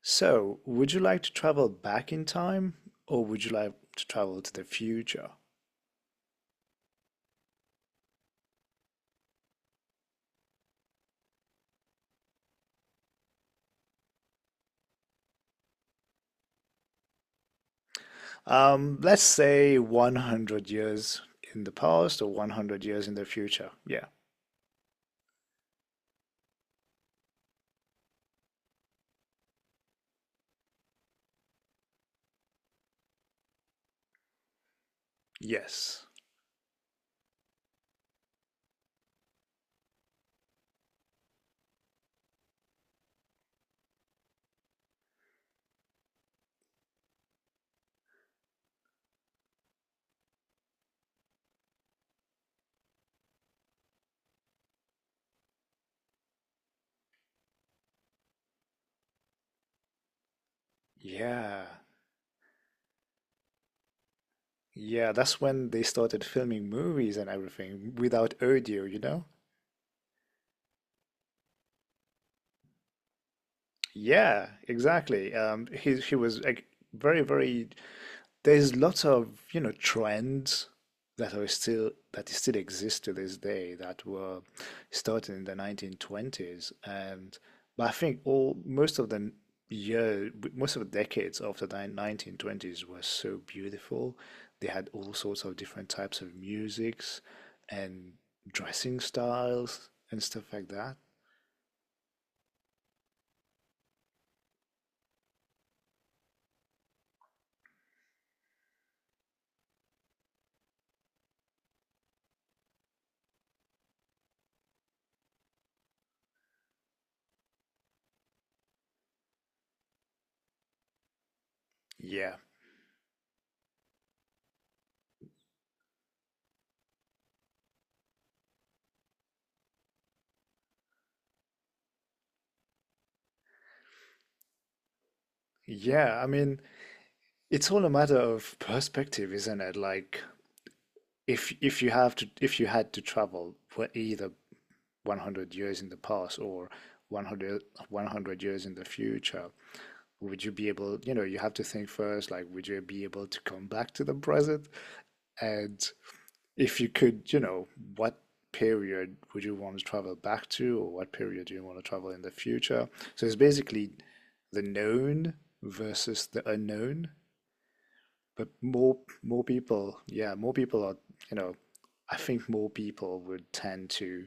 So, would you like to travel back in time or would you like to travel to the future? Let's say 100 years in the past or 100 years in the future. Yeah. Yes. Yeah. Yeah, that's when they started filming movies and everything without audio, you know? Yeah, exactly. He was like very, very, there's lots of, you know, trends that still exist to this day that were started in the 1920s. And But I think all most of the year most of the decades of the 1920s were so beautiful. They had all sorts of different types of musics and dressing styles and stuff like that. Yeah. Yeah, I mean, it's all a matter of perspective, isn't it? Like, if you had to travel for either 100 years in the past or 100 years in the future, would you be able, you know, you have to think first, like, would you be able to come back to the present? And if you could, you know, what period would you want to travel back to, or what period do you want to travel in the future? So it's basically the known versus the unknown. But more people, yeah, more people are, you know, I think more people would tend to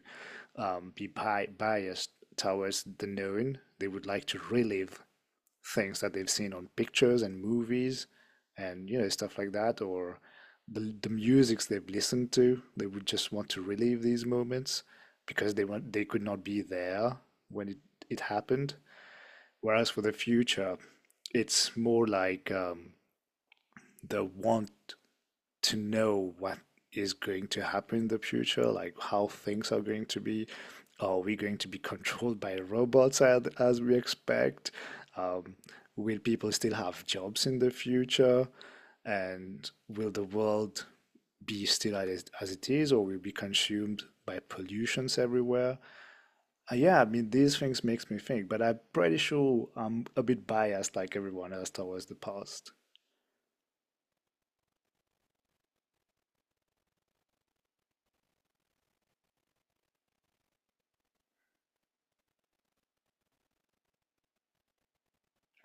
be bi biased towards the known. They would like to relive things that they've seen on pictures and movies and, you know, stuff like that, or the musics they've listened to. They would just want to relive these moments because they could not be there when it happened. Whereas for the future, it's more like, the want to know what is going to happen in the future, like how things are going to be. Are we going to be controlled by robots, as we expect? Um, will people still have jobs in the future? And will the world be still as it is, or will it be consumed by pollutions everywhere? Yeah, I mean, these things makes me think, but I'm pretty sure I'm a bit biased like everyone else towards the past.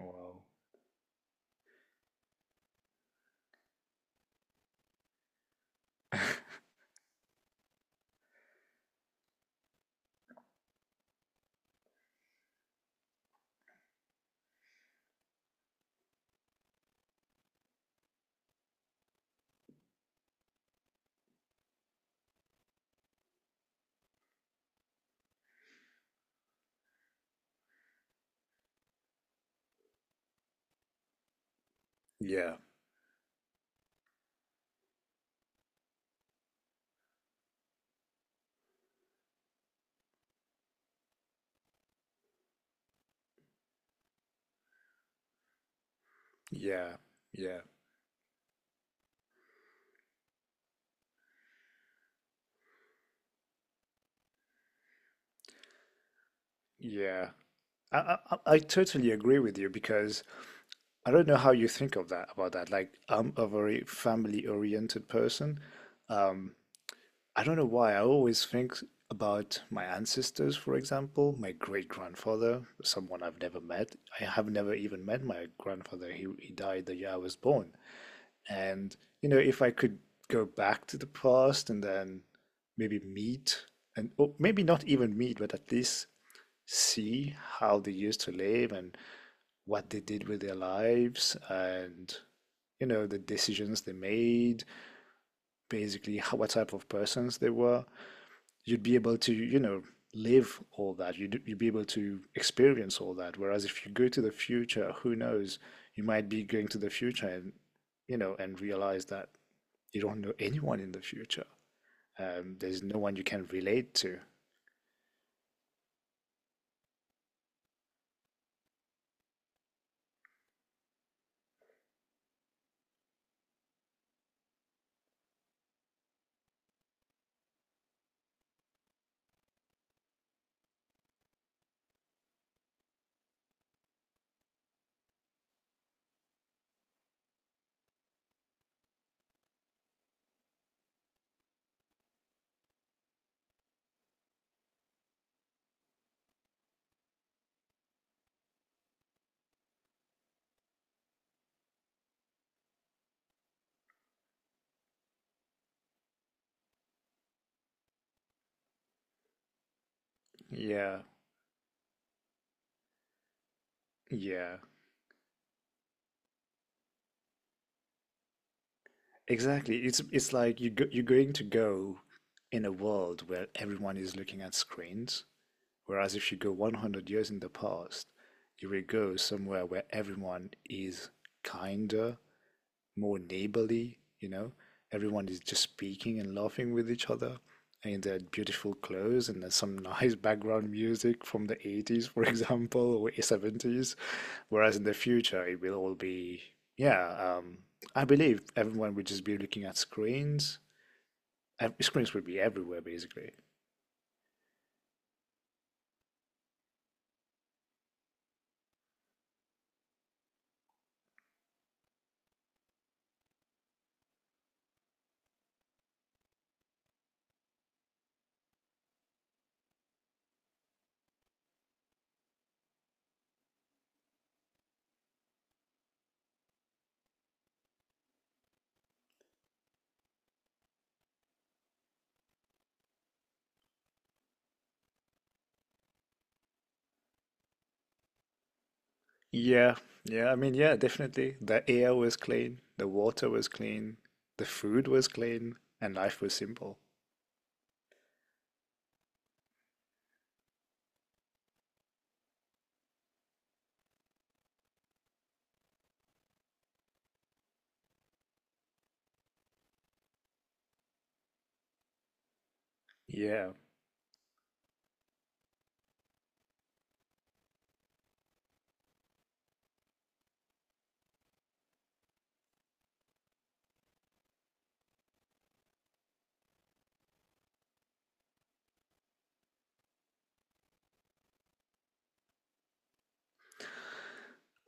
Wow. Yeah, yeah, yeah, yeah. I totally agree with you. Because I don't know how you think of that, about that. Like, I'm a very family oriented person. Um, I don't know why, I always think about my ancestors. For example, my great grandfather, someone I've never met. I have never even met my grandfather. He died the year I was born. And, you know, if I could go back to the past and then maybe meet, and or maybe not even meet, but at least see how they used to live and what they did with their lives and, you know, the decisions they made, basically how, what type of persons they were, you'd be able to, you know, live all that. You'd be able to experience all that. Whereas if you go to the future, who knows? You might be going to the future and, you know, and realize that you don't know anyone in the future. There's no one you can relate to. Yeah, yeah, exactly. It's like you go, you're going to go in a world where everyone is looking at screens. Whereas if you go 100 years in the past, you will go somewhere where everyone is kinder, more neighborly, you know. Everyone is just speaking and laughing with each other. And they had beautiful clothes and there's some nice background music from the 80s, for example, or 70s. Whereas in the future, it will all be, yeah, I believe everyone would just be looking at screens. Screens would be everywhere, basically. Yeah, yeah, I mean, yeah, definitely. The air was clean, the water was clean, the food was clean, and life was simple. Yeah.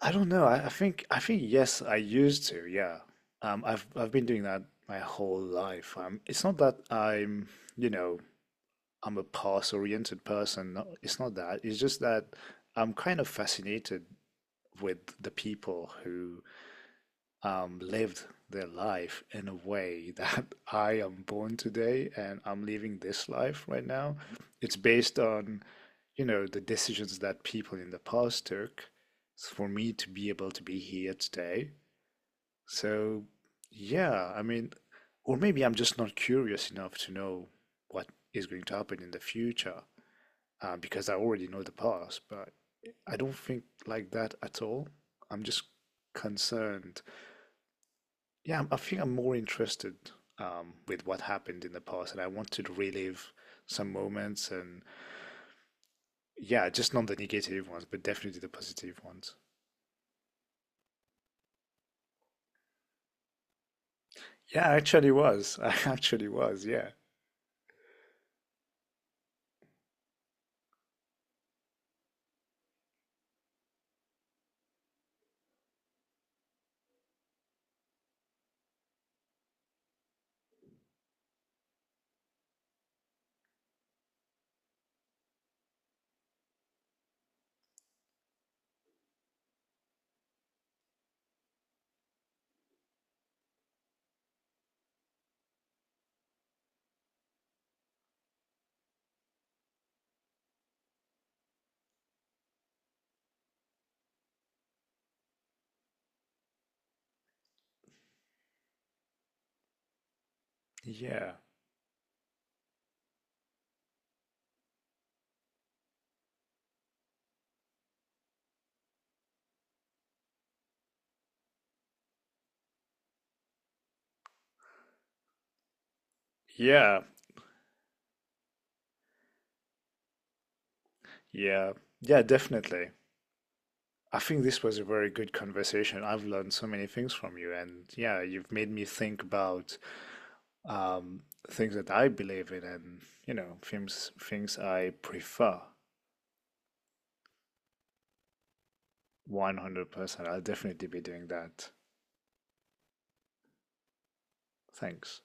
I don't know. I think yes, I used to. Yeah. Um, I've been doing that my whole life. It's not that I'm, you know, I'm a past-oriented person. No, it's not that. It's just that I'm kind of fascinated with the people who lived their life in a way that I am born today and I'm living this life right now. It's based on, you know, the decisions that people in the past took for me to be able to be here today. So, yeah, I mean, or maybe I'm just not curious enough to know what is going to happen in the future, because I already know the past, but I don't think like that at all. I'm just concerned. I think I'm more interested, with what happened in the past, and I want to relive some moments. And yeah, just not the negative ones, but definitely the positive ones. Yeah, I actually was. I actually was. Yeah. Yeah. Yeah. Yeah, yeah, definitely. I think this was a very good conversation. I've learned so many things from you, and yeah, you've made me think about um, things that I believe in, and you know, things I prefer. 100%. I'll definitely be doing that. Thanks.